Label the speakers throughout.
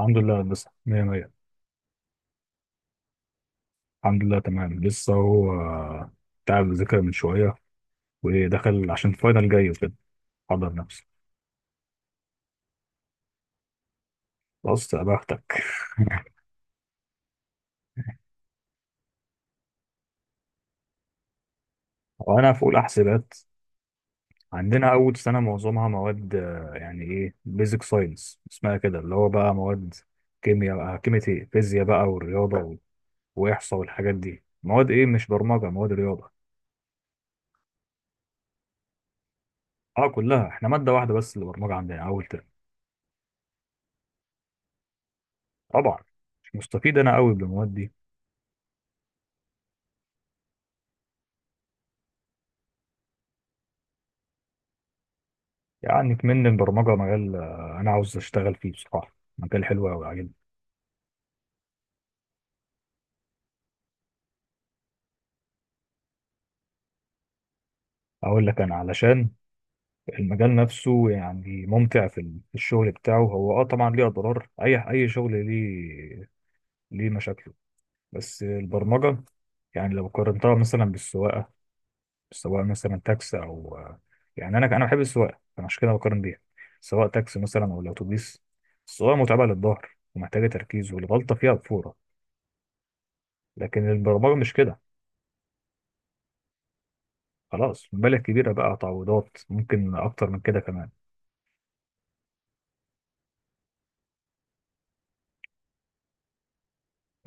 Speaker 1: الحمد لله لسه مية مية. الحمد لله تمام. لسه هو تعب، ذاكر من شوية ودخل عشان فاينل جاي وكده، حضر نفسه. بص يا بختك. وأنا في أولى حسابات. عندنا أول سنة معظمها مواد، يعني إيه بيزك ساينس اسمها كده، اللي هو بقى مواد كيمياء بقى، كيمياء إيه، فيزياء بقى، والرياضة وإحصاء والحاجات دي. مواد إيه، مش برمجة، مواد رياضة. أه كلها، إحنا مادة واحدة بس اللي برمجة عندنا أول ترم. طبعا. مش مستفيد أنا أوي بالمواد دي. يعني كمان البرمجة مجال، أنا عاوز أشتغل فيه بصراحة، مجال حلو أوي عاجبني. أقول لك أنا علشان المجال نفسه يعني ممتع، في في الشغل بتاعه. هو أه طبعا ليه أضرار، أي شغل ليه مشاكله، بس البرمجة يعني لو قارنتها مثلا بالسواقة، سواء مثلا تاكسي أو، يعني أنا بحب السواقة، أنا عشان كده بقارن بيها، سواء تاكسي مثلا أو الأتوبيس. السواقة متعبة للظهر ومحتاجة تركيز، والغلطة فيها بفورة، لكن البرمجة مش كده. خلاص، مبالغ كبيرة بقى، تعويضات، ممكن أكتر من كده كمان.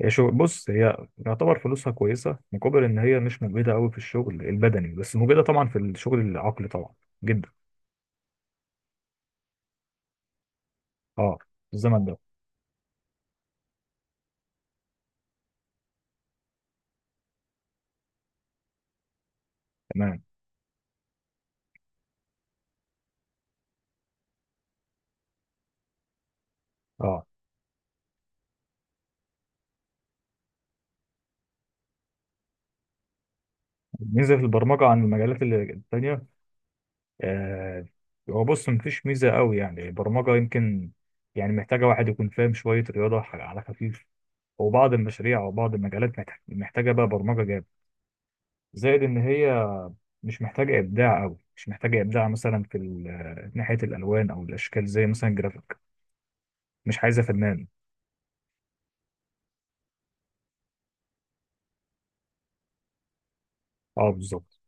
Speaker 1: هي شو، بص، هي يعتبر فلوسها كويسة، مقابل إن هي مش مجهدة أوي في الشغل البدني، بس مجهدة طبعا في الشغل العقلي، طبعا جدا. اه. في الزمن ده. تمام. اه. ميزة في البرمجة عن المجالات التانية. آه. هو بص، مفيش ميزة أوي، يعني البرمجة يمكن يعني محتاجة واحد يكون فاهم شوية رياضة على خفيف، وبعض المشاريع وبعض المجالات محتاجة بقى برمجة جامد. زائد إن هي مش محتاجة إبداع أوي، مش محتاجة إبداع مثلا في ناحية الألوان أو الأشكال، زي مثلا جرافيك. مش عايزة فنان. أه بالظبط.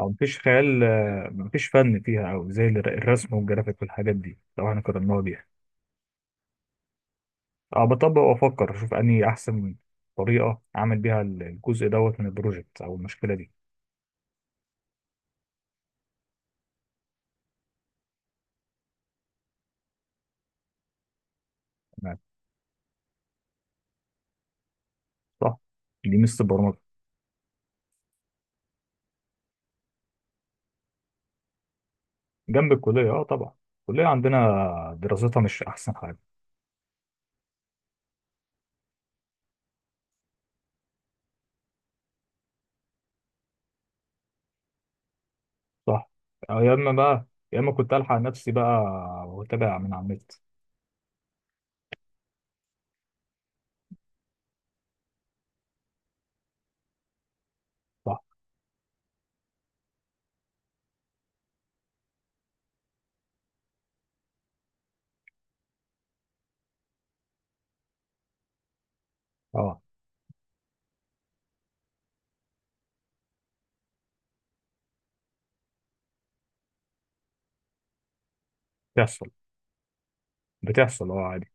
Speaker 1: أو مفيش خيال، مفيش فن فيها أوي زي الرسم والجرافيك والحاجات دي، لو إحنا قارناها بيها. أه بطبق وأفكر، أشوف أنهي أحسن طريقة أعمل بيها الجزء دوت من البروجكت أو المشكلة دي. تمام. صح، دي ميزة البرمجة. جنب الكلية أه طبعا، الكلية عندنا دراستها مش أحسن حاجة. صح. يا إما بقى، يا إما كنت ألحق نفسي بقى وأتابع من على النت. صح. اه بتحصل، اه عادي.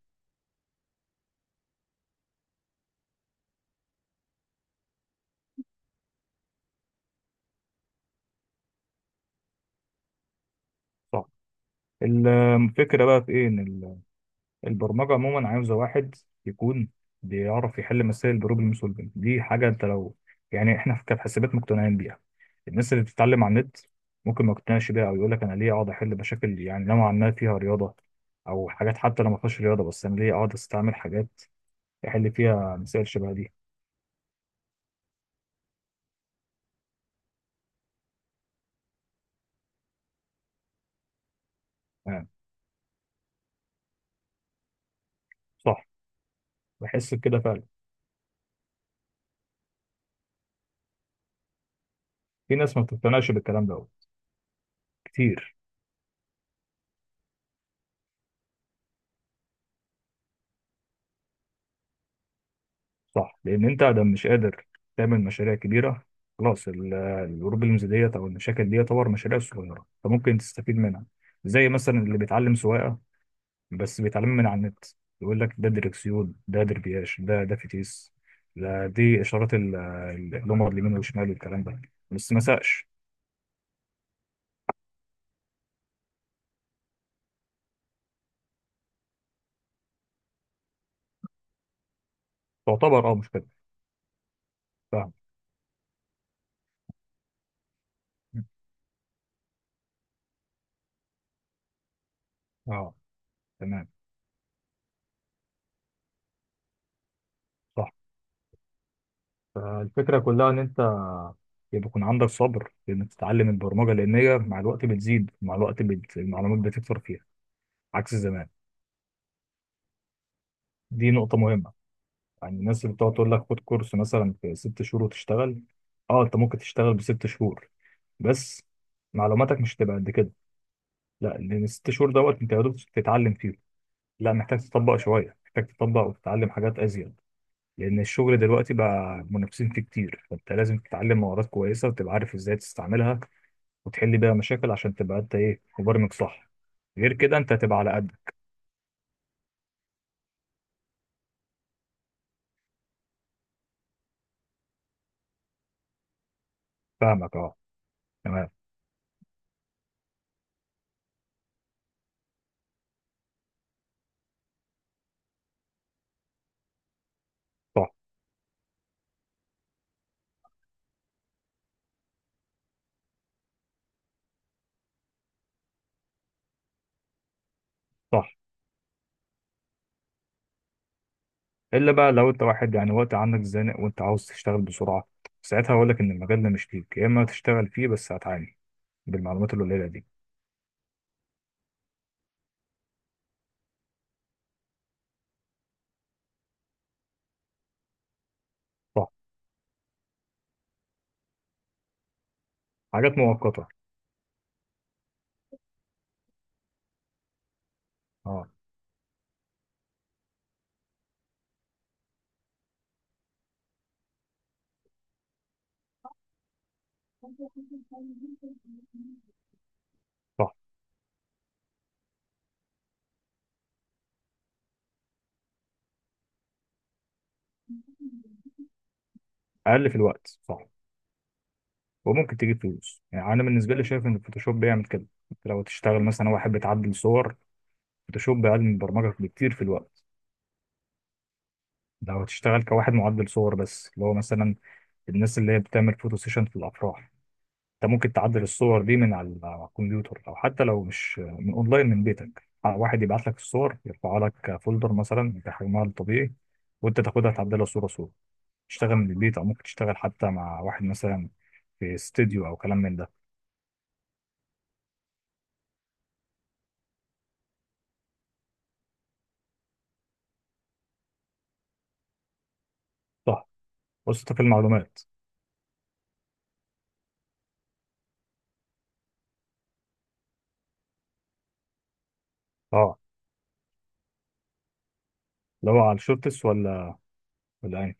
Speaker 1: صح. الفكرة بقى في ايه، ان البرمجة عموما عاوزة واحد يكون بيعرف يحل مسائل، بروبلم سولفنج. دي حاجة انت لو، يعني احنا في كحاسبات مقتنعين بيها. الناس اللي بتتعلم على النت ممكن ما يقتنعش بيها، او يقول لك انا ليه اقعد احل مشاكل يعني نوعا ما فيها رياضة، او حاجات حتى لو ما فيهاش رياضة، بس انا ليه اقعد استعمل حاجات احل فيها مسائل شبه دي. آه. صح. بحس بكده فعلا. في ناس ما بتقتنعش بالكلام ده أوي. كتير. صح، لان انت ده مش قادر تعمل مشاريع كبيره، خلاص الجروب المز ديت او المشاكل دي تعتبر مشاريع صغيره، فممكن تستفيد منها. زي مثلا اللي بيتعلم سواقه بس بيتعلم من على النت، يقول لك ده دركسيون، ده دربياش، ده فتيس، ده دي اشارات اللمبه اليمين والشمال والكلام ده، بس ما ساقش. تعتبر اه مشكله. فاهم. اه تمام. صح. فالفكره كلها ان انت يبقى يكون عندك صبر انك تتعلم البرمجه، لان هي مع الوقت بتزيد، مع الوقت المعلومات بتكتر فيها، عكس زمان. دي نقطة مهمة. يعني الناس اللي بتقعد تقول لك خد كورس مثلا في 6 شهور وتشتغل. اه، انت ممكن تشتغل بـ6 شهور، بس معلوماتك مش هتبقى قد كده. لا، لان الـ6 شهور دوت انت يا دوب بتتعلم فيه. لا محتاج تطبق شوية، محتاج تطبق وتتعلم حاجات ازيد، لان الشغل دلوقتي بقى منافسين فيه كتير. فانت لازم تتعلم مهارات كويسة، وتبقى عارف ازاي تستعملها، وتحل بيها مشاكل، عشان تبقى انت ايه، مبرمج صح. غير كده انت هتبقى على قدك. فاهمك اه. تمام. صح. صح. الا بقى لو انت واحد يعني وقت عندك زنق، وانت عاوز تشتغل بسرعه، ساعتها هقول لك ان المجال ده مش ليك، يا اما تشتغل فيه بس هتعاني بالمعلومات القليله دي. صح. حاجات مؤقته. اه. صح. اقل في الوقت، صح، وممكن تجيب فلوس. يعني انا بالنسبه لي شايف ان الفوتوشوب بيعمل كده. انت لو تشتغل مثلا واحد بتعدل صور، فوتوشوب اقل من البرمجه بكتير في الوقت. لو هتشتغل كواحد معدل صور بس، اللي هو مثلا الناس اللي هي بتعمل فوتو سيشن في الافراح، انت ممكن تعدل الصور دي من على الكمبيوتر، او حتى لو مش من اونلاين، من بيتك، واحد يبعت لك الصور، يرفع لك فولدر مثلا بحجمها الطبيعي، وانت تاخدها تعدلها صوره صوره، تشتغل من البيت، او ممكن تشتغل حتى مع واحد مثلا في استوديو او كلام من ده. صح. بص انت في المعلومات. اه. لو على الشورتس ولا ايه؟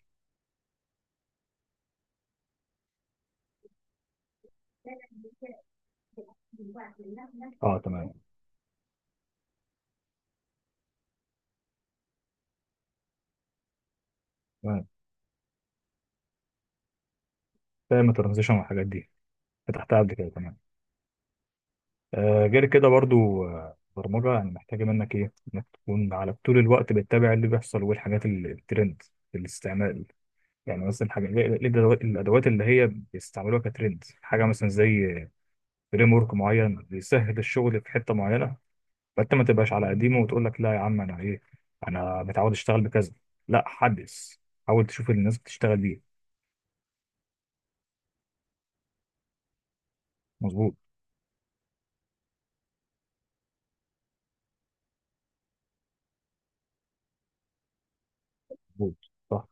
Speaker 1: اه تمام. تمام. فاهم الترانزيشن والحاجات دي، فتحتها قبل كده. تمام. غير كده برضو، برمجة يعني محتاجة منك ايه، انك تكون على طول الوقت بتتابع اللي بيحصل والحاجات الترند في الاستعمال. يعني مثلا حاجة إيه الأدوات، اللي هي بيستعملوها كترند، حاجة مثلا زي فريم ورك معين بيسهل الشغل في حتة معينة. فأنت ما تبقاش على قديمه، وتقول لك لا يا عم أنا ايه، أنا متعود أشتغل بكذا. لا، حدث، حاول تشوف اللي الناس بتشتغل بيه. مظبوط. مظبوط صح.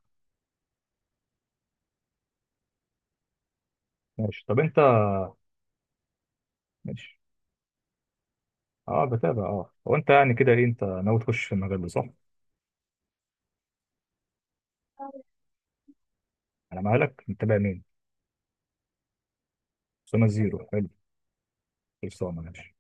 Speaker 1: ماشي، طب أنت. ماشي. اه بتابع. اه، هو أنت يعني كده ايه، أنت ناوي تخش في المجال ده صح؟ انا مالك متابع مين؟ سونا زيرو حلو. خلصانه ماشي.